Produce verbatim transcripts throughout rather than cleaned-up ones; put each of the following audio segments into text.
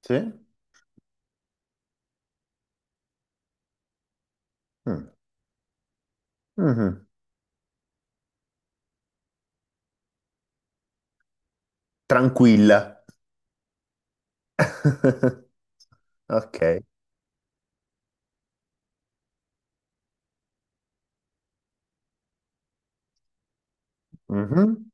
Sì? Mm. Mhm. Tranquilla. Ok. Mhm.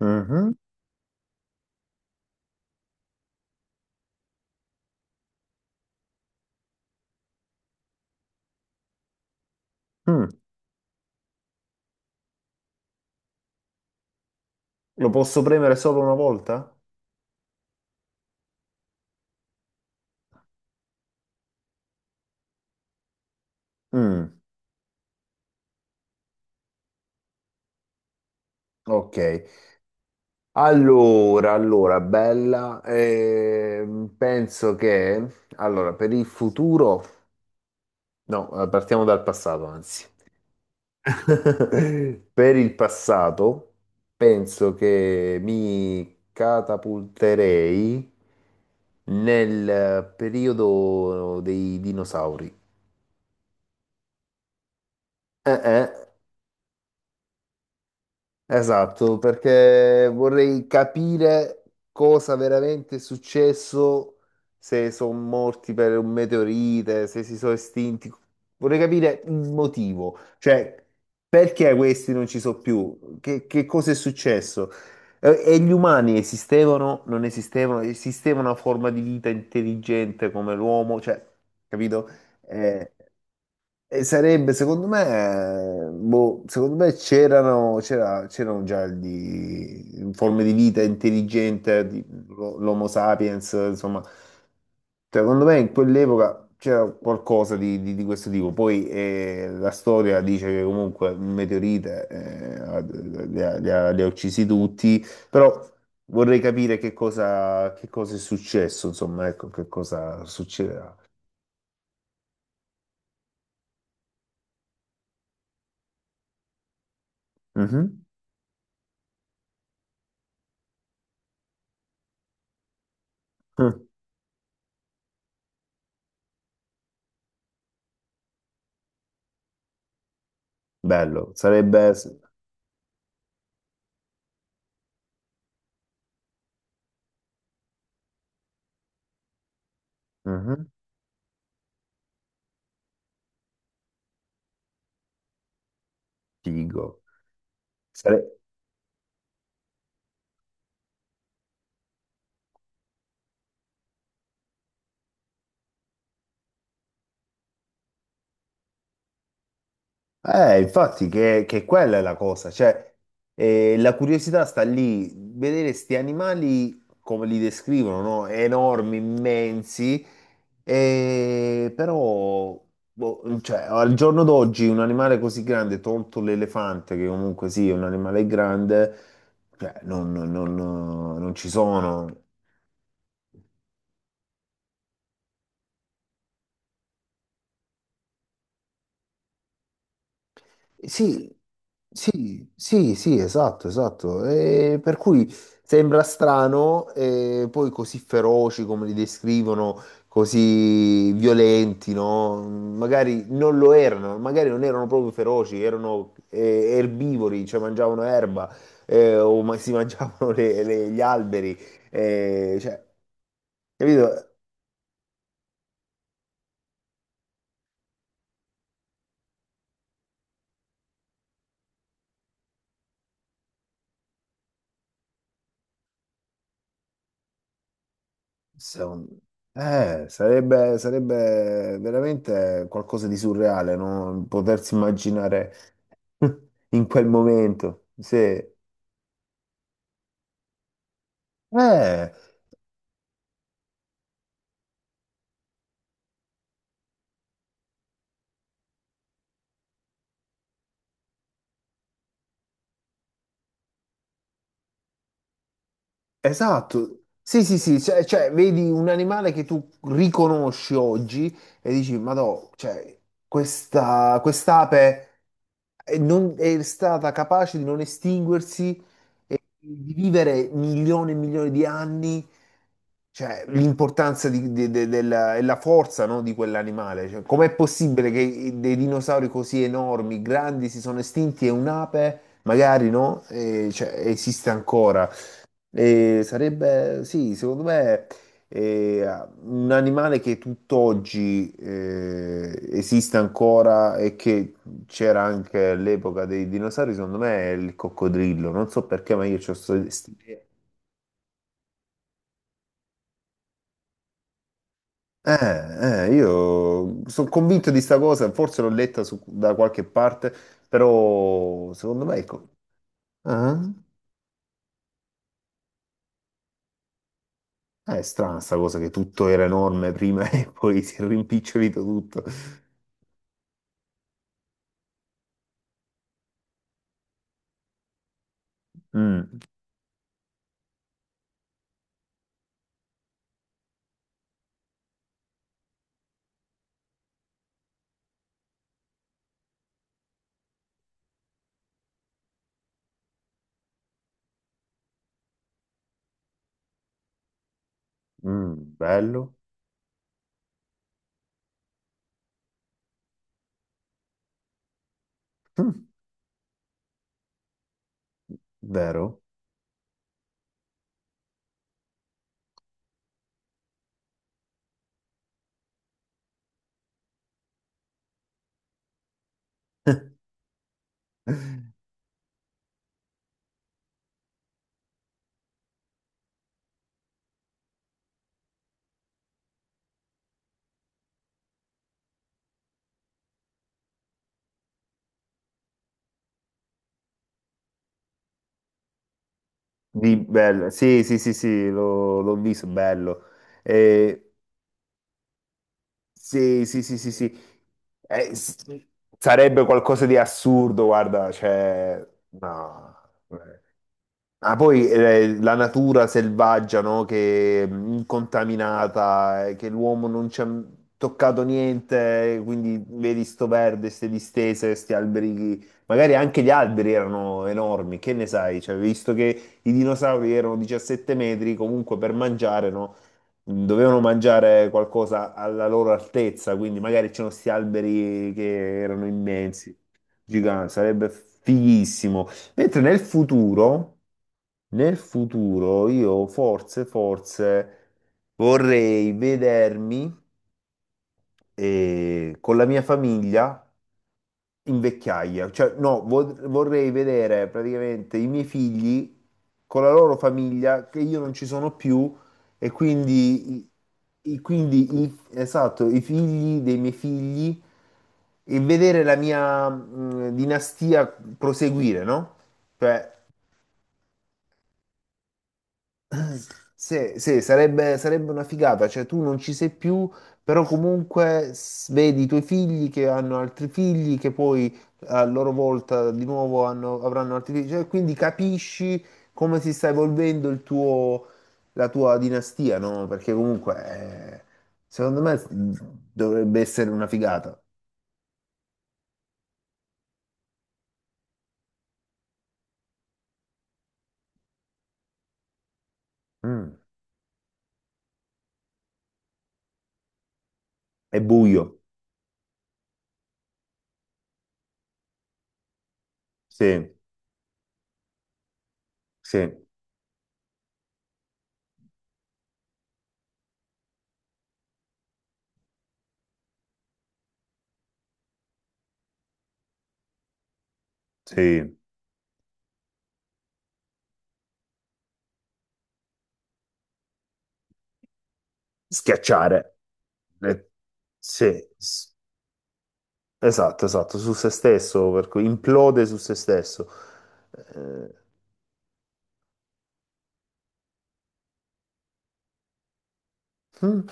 Mhm. Mm. Lo posso premere solo una volta? Mm. Ok. Allora, allora, bella. Ehm, penso che... Allora, per il futuro... No, eh, partiamo dal passato, anzi. Per il passato penso che mi catapulterei nel periodo dei dinosauri. Eh, eh, Esatto, perché vorrei capire cosa veramente è successo, se sono morti per un meteorite, se si sono estinti. Vorrei capire il motivo, cioè perché questi non ci sono più, che, che cosa è successo. E, e gli umani esistevano, non esistevano, esisteva una forma di vita intelligente come l'uomo, cioè, capito? Eh, e sarebbe, secondo me, boh, secondo me c'erano c'era- c'erano già di, forme di vita intelligente, di- l'O- l'Homo sapiens, insomma, secondo me in quell'epoca c'era qualcosa di, di- di questo tipo. Poi eh, la storia dice che comunque un meteorite eh, ha- li ha, li ha- li ha uccisi tutti, però vorrei capire che cosa, che cosa è successo, insomma, ecco, che cosa succederà. Mhm. Mm. Bello, sarebbe. Mhm, figo. Sare- Eh, infatti che, che quella è la cosa, cioè eh, la curiosità sta lì, vedere sti animali come li descrivono, no? Enormi, immensi, e però boh, cioè, al giorno d'oggi un animale così grande, tolto l'elefante, che comunque sì, è un animale grande, cioè, non, non- non- non ci sono. Sì, sì, sì, sì, esatto, esatto. E per cui sembra strano, e poi così feroci come li descrivono, così violenti, no? Magari non lo erano, magari non erano proprio feroci, erano eh, erbivori, cioè mangiavano erba, eh, o ma- si mangiavano le- le- gli alberi, eh, cioè, capito? Secondo- Eh, sarebbe, sarebbe veramente qualcosa di surreale, no? Potersi immaginare in quel momento. Sì. Eh, esatto. Sì, sì, sì, cioè, cioè, vedi un animale che tu riconosci oggi e dici, ma no, cioè, questa, quest'ape è, non- è stata capace di non estinguersi e di vivere milioni e milioni di anni. Cioè, l'importanza di- de- de- della, e la forza, no, di quell'animale. Cioè, com'è possibile che i- dei dinosauri così enormi, grandi, si sono estinti e un'ape, magari, no, eh, cioè, esiste ancora? E sarebbe, sì, secondo me, eh, un animale che tutt'oggi eh, esiste ancora e che c'era anche all'epoca dei dinosauri, secondo me, è il coccodrillo. Non so perché, ma io ho questa idea. Eh, eh, io sono convinto di sta cosa, forse l'ho letta su- da qualche parte, però secondo me ecco, ah, è strana sta cosa che tutto era enorme prima e poi si è rimpicciolito tutto. Mm, mm, bello. Mm, vero? Di bello, sì, sì, sì, sì, l'ho l'ho visto, bello. Eh, sì, sì, sì, sì, sì. Eh, s- sarebbe qualcosa di assurdo, guarda, cioè, no. Eh. Ah, poi eh, la natura selvaggia, no? Che mh, incontaminata, eh, che l'uomo non ci ha toccato niente, eh, quindi vedi sto verde, queste distese, questi alberi, magari anche gli alberi erano enormi, che ne sai? Cioè, visto che i dinosauri erano diciassette metri, comunque per mangiare, no? Mm, dovevano mangiare qualcosa alla loro altezza, quindi magari c'erano questi alberi che erano immensi, giganti, sarebbe fighissimo. Mentre nel futuro, nel futuro io forse, forse vorrei vedermi eh, con la mia famiglia in vecchiaia, cioè no, vo- vorrei vedere praticamente i miei figli con la loro famiglia che io non ci sono più e quindi, i- quindi i- esatto, i figli dei miei figli e vedere la mia mh, dinastia proseguire, no? Cioè, sì, sì, sarebbe, sarebbe una figata, cioè tu non ci sei più, però comunque s- vedi i tuoi figli che hanno altri figli, che poi a loro volta di nuovo hanno- avranno altri figli, cioè, quindi capisci come si sta evolvendo il tuo, la tua dinastia, no? Perché comunque, eh, secondo me mm, dovrebbe essere una figata. Mm. È buio, sì, sì, sì, schiacciare. Eh, Sì. Esatto, esatto, su se stesso, per cui implode su se stesso. Eh, mm,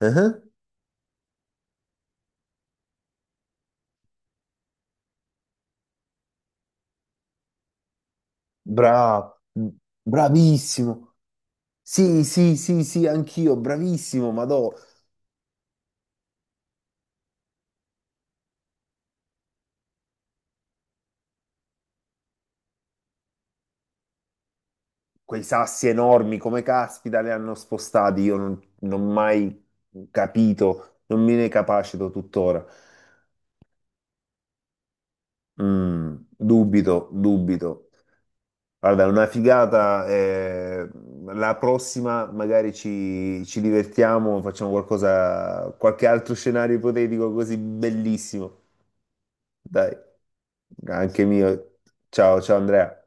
eh, bra- mm, bravissimo. Sì, sì, sì, sì, anch'io, bravissimo, madò. Quei sassi enormi, come caspita, li hanno spostati, io non, non ho mai capito, non me ne capacito tuttora. Mm, dubito, dubito. Guarda, è una figata. Eh, la prossima magari ci, ci divertiamo, facciamo qualcosa, qualche altro scenario ipotetico così bellissimo. Dai, anche mio. Ciao, ciao Andrea.